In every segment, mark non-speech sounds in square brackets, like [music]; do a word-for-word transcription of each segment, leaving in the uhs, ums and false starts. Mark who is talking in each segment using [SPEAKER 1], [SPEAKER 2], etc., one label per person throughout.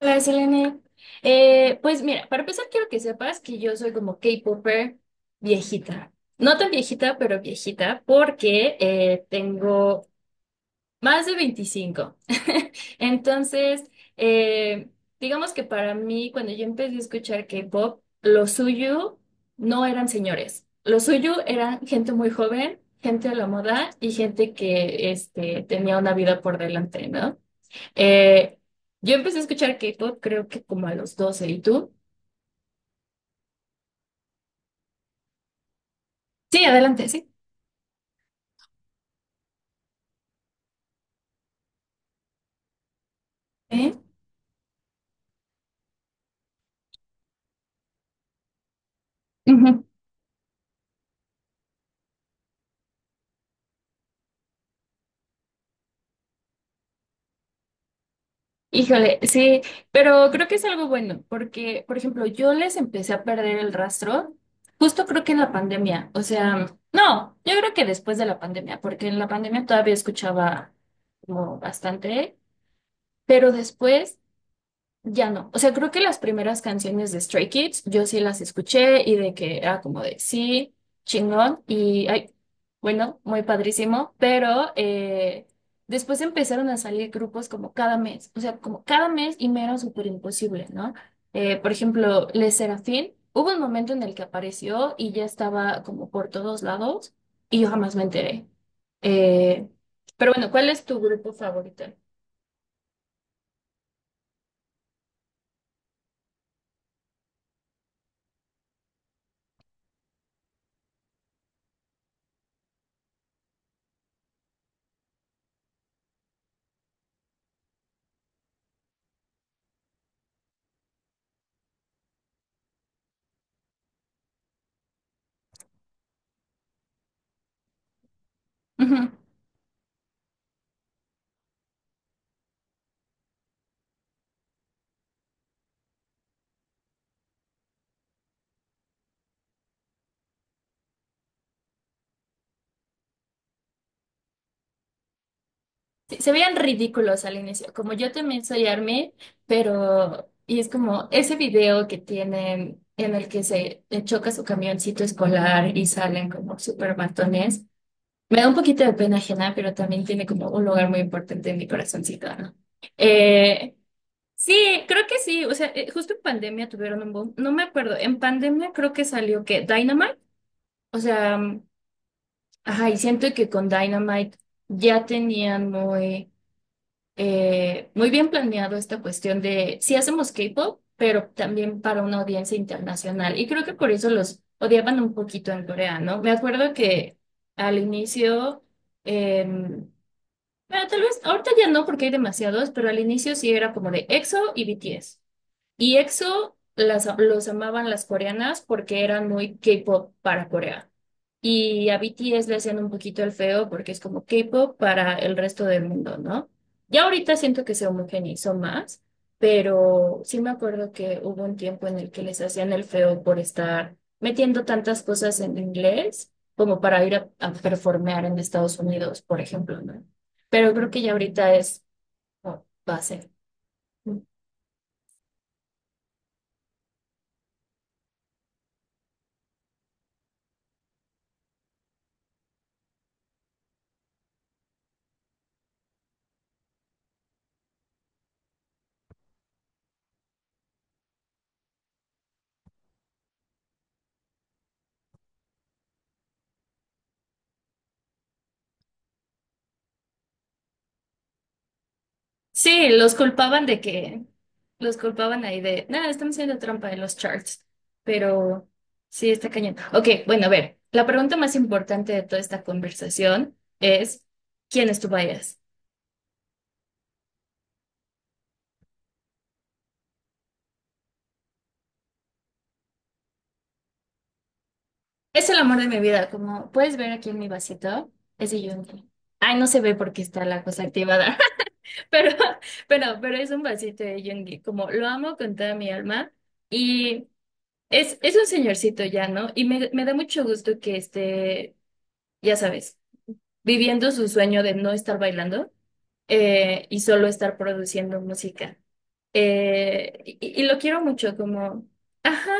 [SPEAKER 1] Hola, Selene. Eh, pues mira, para empezar quiero que sepas que yo soy como K-popper viejita. No tan viejita, pero viejita, porque eh, tengo más de veinticinco. [laughs] Entonces, eh, digamos que para mí, cuando yo empecé a escuchar K-pop, lo suyo no eran señores. Lo suyo eran gente muy joven, gente a la moda y gente que este, tenía una vida por delante, ¿no? Eh, yo empecé a escuchar K-pop creo que como a los doce. ¿Y tú? Sí, adelante, sí. ¿Eh? Ujú. Híjole, sí, pero creo que es algo bueno, porque, por ejemplo, yo les empecé a perder el rastro justo creo que en la pandemia, o sea, no, yo creo que después de la pandemia, porque en la pandemia todavía escuchaba como bastante, pero después ya no. O sea, creo que las primeras canciones de Stray Kids yo sí las escuché y de que era como de sí, chingón y ay, bueno, muy padrísimo, pero eh, después empezaron a salir grupos como cada mes, o sea, como cada mes y me era súper imposible, ¿no? Eh, por ejemplo, Les Serafín, hubo un momento en el que apareció y ya estaba como por todos lados y yo jamás me enteré. Eh, pero bueno, ¿cuál es tu grupo favorito? Ujú. Sí, se veían ridículos al inicio, como yo también soy ARMY, pero y es como ese video que tienen en el que se eh, choca su camioncito escolar y salen como súper matones, me da un poquito de pena ajena, pero también tiene como un lugar muy importante en mi corazoncito, ¿no? Eh, sí, creo que sí, o sea, eh, justo en pandemia tuvieron un boom, no me acuerdo, en pandemia creo que salió que Dynamite, o sea, mm, ajá, y siento que con Dynamite ya tenían muy eh, muy bien planeado esta cuestión de si hacemos K-pop, pero también para una audiencia internacional. Y creo que por eso los odiaban un poquito en Corea, ¿no? Me acuerdo que al inicio, eh, bueno, tal vez ahorita ya no porque hay demasiados, pero al inicio sí era como de EXO y B T S. Y EXO las, los amaban las coreanas porque eran muy K-pop para Corea. Y a B T S le hacían un poquito el feo porque es como K-pop para el resto del mundo, ¿no? Ya ahorita siento que se homogeneizó más, pero sí me acuerdo que hubo un tiempo en el que les hacían el feo por estar metiendo tantas cosas en inglés como para ir a, a performear en Estados Unidos, por ejemplo, ¿no? Pero creo que ya ahorita es como base. Sí, los culpaban de que, los culpaban ahí de, nada, están haciendo trampa en los charts, pero sí está cañón. Ok, bueno, a ver, la pregunta más importante de toda esta conversación es, ¿quién es tu bias? Es el amor de mi vida, como puedes ver aquí en mi vasito, es de Yoongi. Ay, no se ve porque está la cosa activada, [laughs] pero, pero, pero es un vasito de Yoongi, como lo amo con toda mi alma y es, es un señorcito ya, ¿no? Y me, me da mucho gusto que esté, ya sabes, viviendo su sueño de no estar bailando eh, y solo estar produciendo música. Eh, y, y lo quiero mucho, como, ajá,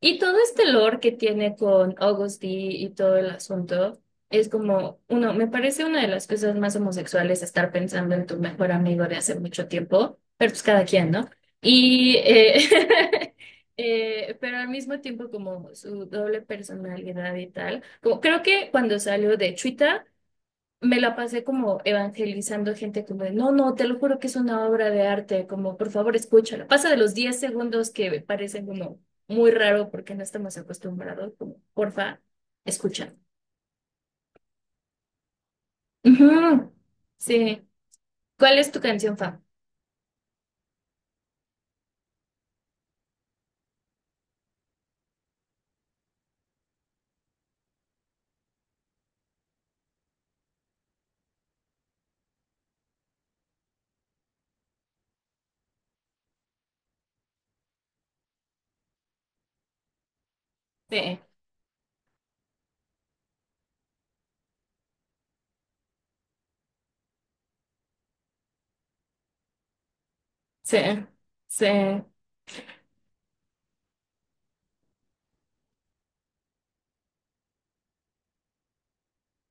[SPEAKER 1] y todo este lore que tiene con August D y todo el asunto, es como, uno, me parece una de las cosas más homosexuales estar pensando en tu mejor amigo de hace mucho tiempo, pero pues cada quien, ¿no? Y, eh, [laughs] eh, pero al mismo tiempo como su doble personalidad y tal, como, creo que cuando salió de Chuita, me la pasé como evangelizando gente como, de, no, no, te lo juro que es una obra de arte, como, por favor, escúchala. Pasa de los diez segundos que parecen como muy raro porque no estamos acostumbrados, como, porfa, escucha. Ujú. Sí. ¿Cuál es tu canción, fa? Sí, sí, sí.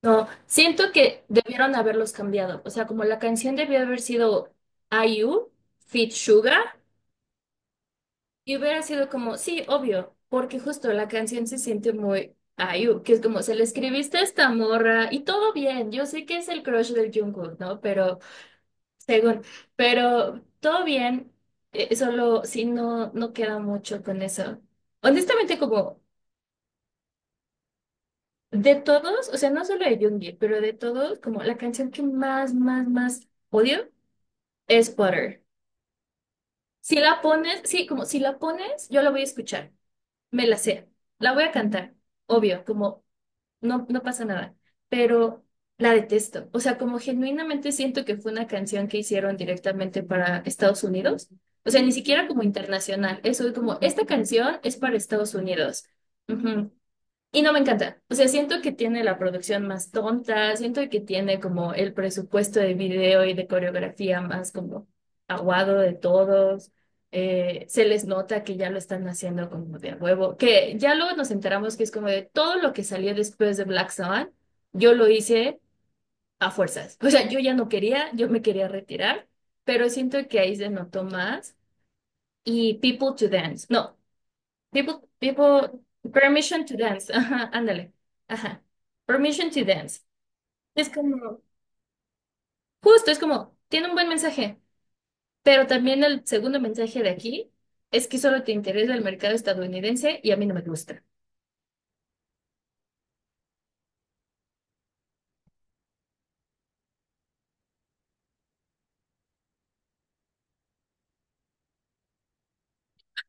[SPEAKER 1] No, siento que debieron haberlos cambiado. O sea, como la canción debió haber sido I IU, Fit Sugar. Y hubiera sido como, sí, obvio, porque justo la canción se siente muy ayu que es como, se le escribiste a esta morra y todo bien, yo sé que es el crush del Jungkook, ¿no? Pero, según, pero todo bien, eh, solo sí no, no queda mucho con eso. Honestamente, como de todos, o sea, no solo de Jungkook, pero de todos, como la canción que más, más, más odio es Butter. Si la pones, sí, como si la pones, yo la voy a escuchar. Me la sé. La voy a cantar, obvio, como no, no pasa nada, pero la detesto. O sea, como genuinamente siento que fue una canción que hicieron directamente para Estados Unidos. O sea, ni siquiera como internacional. Eso es como, esta canción es para Estados Unidos. Ujú. Y no me encanta. O sea, siento que tiene la producción más tonta, siento que tiene como el presupuesto de video y de coreografía más como aguado de todos. Eh, se les nota que ya lo están haciendo como de a huevo, que ya luego nos enteramos que es como de todo lo que salió después de Black Swan, yo lo hice a fuerzas. O sea, yo ya no quería, yo me quería retirar, pero siento que ahí se notó más. Y People to Dance. No. People, people, Permission to dance. [laughs] Ajá, ándale. Ajá. Permission to dance. Es como, justo, es como, tiene un buen mensaje, pero también el segundo mensaje de aquí es que solo te interesa el mercado estadounidense y a mí no me gusta.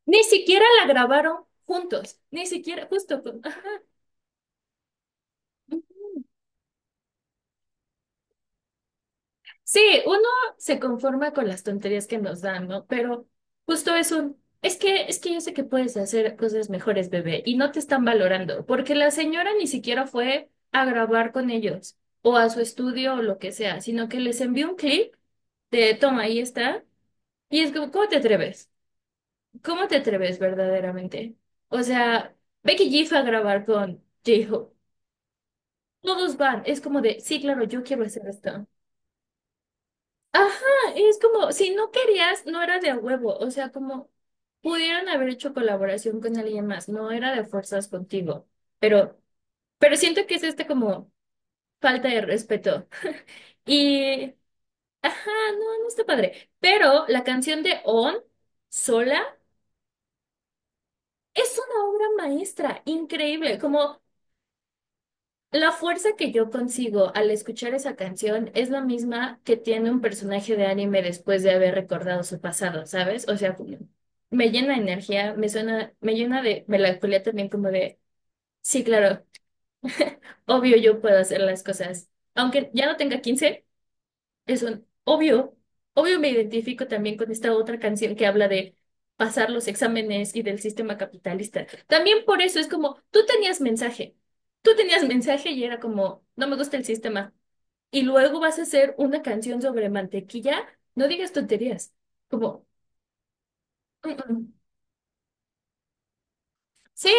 [SPEAKER 1] Ni siquiera la grabaron juntos, ni siquiera, justo. con- [laughs] Sí, uno se conforma con las tonterías que nos dan, ¿no? Pero justo es un, es que, es que yo sé que puedes hacer cosas mejores, bebé, y no te están valorando, porque la señora ni siquiera fue a grabar con ellos o a su estudio o lo que sea, sino que les envió un clip de toma, ahí está, y es como, ¿cómo te atreves? ¿Cómo te atreves verdaderamente? O sea, Becky G fue a grabar con J-Hope. Todos van, es como de, sí, claro, yo quiero hacer esto. Ajá, es como, si no querías, no era de a huevo, o sea, como pudieron haber hecho colaboración con alguien más, no era de fuerzas contigo, pero, pero siento que es este como falta de respeto. Y, ajá, no, no está padre, pero la canción de On, sola, es una obra maestra, increíble, como. La fuerza que yo consigo al escuchar esa canción es la misma que tiene un personaje de anime después de haber recordado su pasado, ¿sabes? O sea, como- me llena de energía, me suena, me llena de melancolía también como de, sí, claro, obvio yo puedo hacer las cosas. Aunque ya no tenga quince es un obvio, obvio me identifico también con esta otra canción que habla de pasar los exámenes y del sistema capitalista. También por eso es como, tú tenías mensaje, tú tenías mensaje y era como, no me gusta el sistema. Y luego vas a hacer una canción sobre mantequilla, no digas tonterías, como, "Mm, mm". Sí,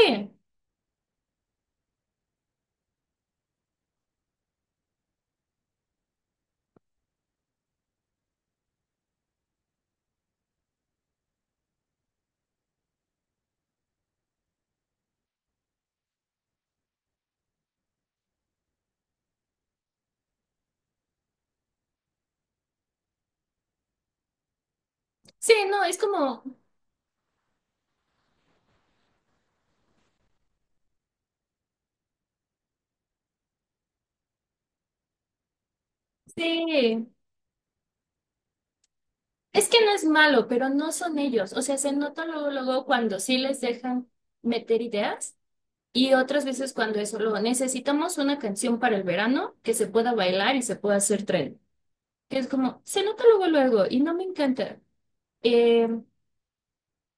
[SPEAKER 1] sí, no, es como, sí, es que no es malo, pero no son ellos, o sea, se nota luego, luego cuando sí les dejan meter ideas. Y otras veces cuando es solo necesitamos una canción para el verano que se pueda bailar y se pueda hacer tren. Que es como, se nota luego luego y no me encanta. Eh,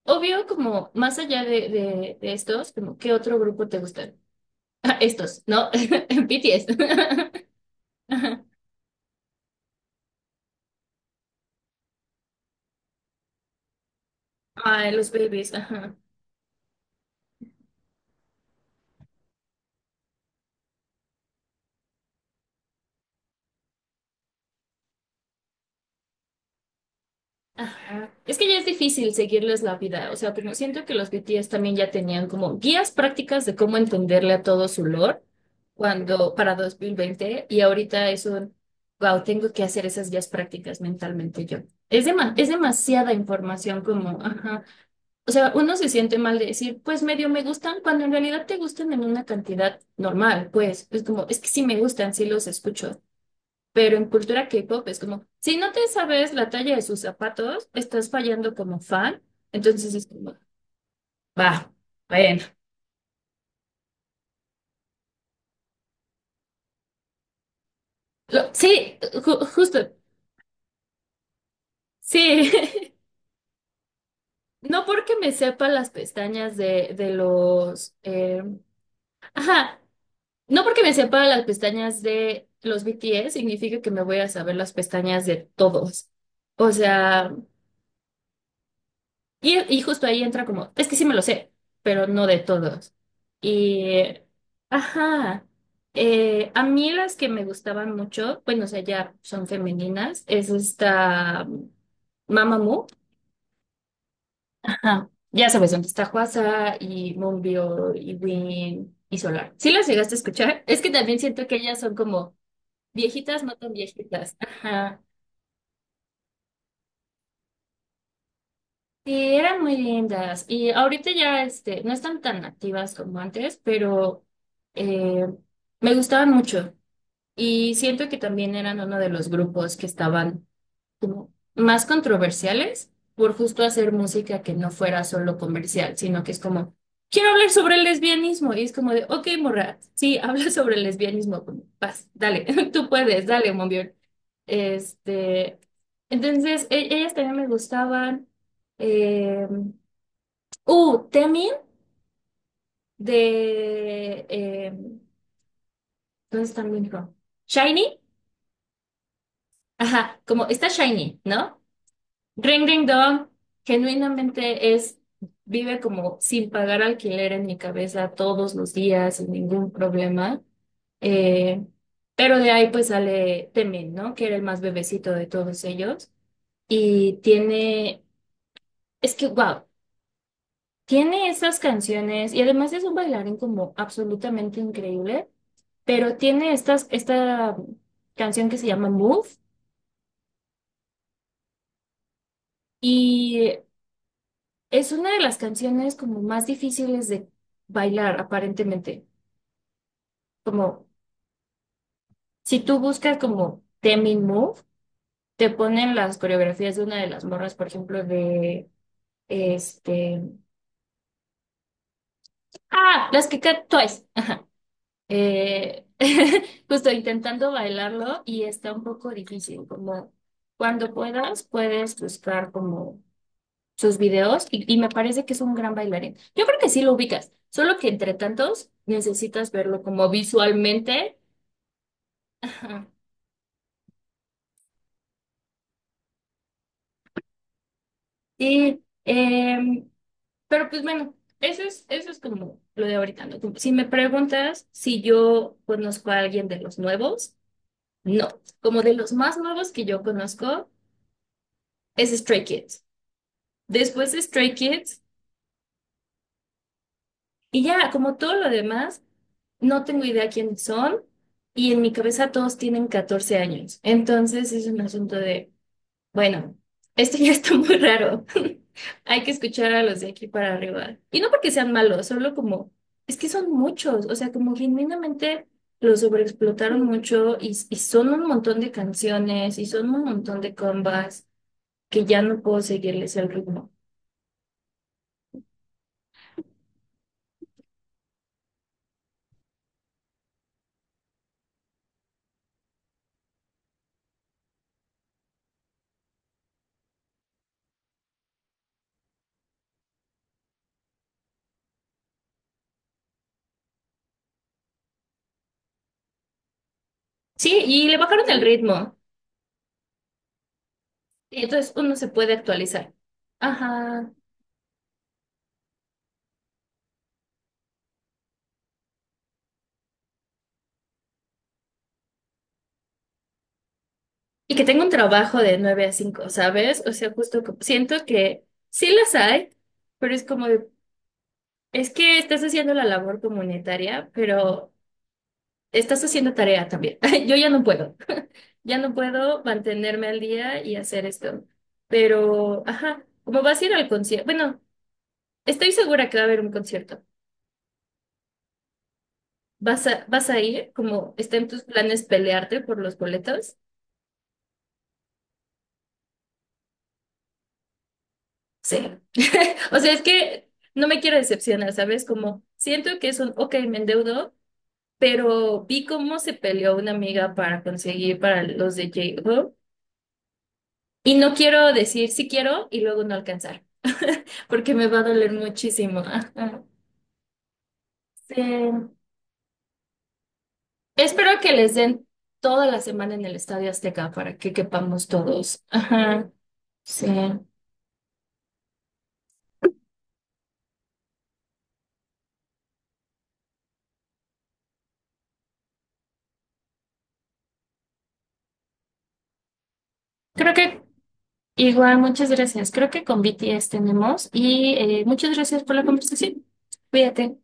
[SPEAKER 1] obvio, como más allá de, de, de estos, como ¿qué otro grupo te gustan? [laughs] Estos, ¿no? [laughs] B T S. [laughs] Ajá. Ay, los babies, ajá. Ajá. Es que ya es difícil seguirles la vida, o sea, como siento que los B T S también ya tenían como guías prácticas de cómo entenderle a todo su lore cuando para dos mil veinte y ahorita es un, wow, tengo que hacer esas guías prácticas mentalmente yo. Es dema- es demasiada información como, ajá. O sea, uno se siente mal de decir, pues medio me gustan, cuando en realidad te gustan en una cantidad normal, pues, es como, es que sí me gustan, sí los escucho. Pero en cultura K-pop es como, si no te sabes la talla de sus zapatos, estás fallando como fan. Entonces es como, va, bueno. Lo- sí, ju- justo, sí. [laughs] No porque me sepa las pestañas de, de los, eh, ajá, no porque me sepa las pestañas de los B T S significa que me voy a saber las pestañas de todos. O sea, Y, y justo ahí entra como, es que sí me lo sé, pero no de todos. Y, ajá, eh, a mí las que me gustaban mucho, bueno, o sea, ya son femeninas, es esta mm, Mamamoo, ajá, ya sabes dónde está Huasa y Moonbyo y Win y Solar. ¿Sí las llegaste a escuchar? Es que también siento que ellas son como viejitas matan viejitas. Ajá. Sí, eran muy lindas y ahorita ya este, no están tan activas como antes, pero eh, me gustaban mucho y siento que también eran uno de los grupos que estaban como más controversiales por justo hacer música que no fuera solo comercial, sino que es como, quiero hablar sobre el lesbianismo. Y es como de, ok, morra, sí, [laughs] habla sobre el lesbianismo, como, vas, dale, [laughs] tú puedes, dale, Mombiol. Este, entonces, e- ellas también me gustaban. Eh, uh, Temin de, eh, ¿dónde está mi hijo? Shiny. Ajá, como está Shiny, ¿no? Ring Ring Dong genuinamente es, vive como sin pagar alquiler en mi cabeza todos los días, sin ningún problema. Eh, pero de ahí pues sale Temin, ¿no? Que era el más bebecito de todos ellos. Y tiene, es que, wow, tiene esas canciones y además es un bailarín como absolutamente increíble, pero tiene estas, esta canción que se llama Move. Y es una de las canciones como más difíciles de bailar, aparentemente. Como si tú buscas como Temin Move, te ponen las coreografías de una de las morras, por ejemplo, de este. Ah, las que can- Twice. Ajá. Eh, [laughs] Justo intentando bailarlo y está un poco difícil. Como cuando puedas, puedes buscar como sus videos y, y me parece que es un gran bailarín. Yo creo que sí lo ubicas, solo que entre tantos necesitas verlo como visualmente. Ajá. Sí, em, pero pues bueno, eso es, eso es como lo de ahorita, ¿no? Como si me preguntas si yo conozco a alguien de los nuevos, no. Como de los más nuevos que yo conozco es Stray Kids. Después Stray Kids y ya, como todo lo demás. No tengo idea quiénes son y en mi cabeza todos tienen catorce años. Entonces es un asunto de, bueno, esto [laughs] ya está muy raro. [laughs] Hay que escuchar a los de aquí para arriba. Y no porque sean malos, solo como, es que son muchos, o sea, como genuinamente los sobreexplotaron mucho y, y son un montón de canciones y son un montón de combas que ya no puedo seguirles el ritmo. Sí, y le bajaron el ritmo. Y entonces uno se puede actualizar. Ajá. Y que tenga un trabajo de nueve a cinco, ¿sabes? O sea, justo co- siento que sí las hay, pero es como de, es que estás haciendo la labor comunitaria, pero estás haciendo tarea también. [laughs] Yo ya no puedo, ya no puedo mantenerme al día y hacer esto. Pero, ajá, como vas a ir al concierto, bueno, estoy segura que va a haber un concierto. ¿Vas a, ¿vas a ir? ¿Como está en tus planes pelearte por los boletos? Sí. [laughs] O sea, es que no me quiero decepcionar, ¿sabes? Como siento que es un, ok, me endeudo, pero vi cómo se peleó una amiga para conseguir para los de J-Hope y no quiero decir sí quiero y luego no alcanzar, [laughs] porque me va a doler muchísimo. Ajá. Sí. Espero que les den toda la semana en el Estadio Azteca para que quepamos todos. Ajá. Sí. Creo que Igual, muchas gracias. Creo que con B T S tenemos y eh, muchas gracias por la conversación. Cuídate.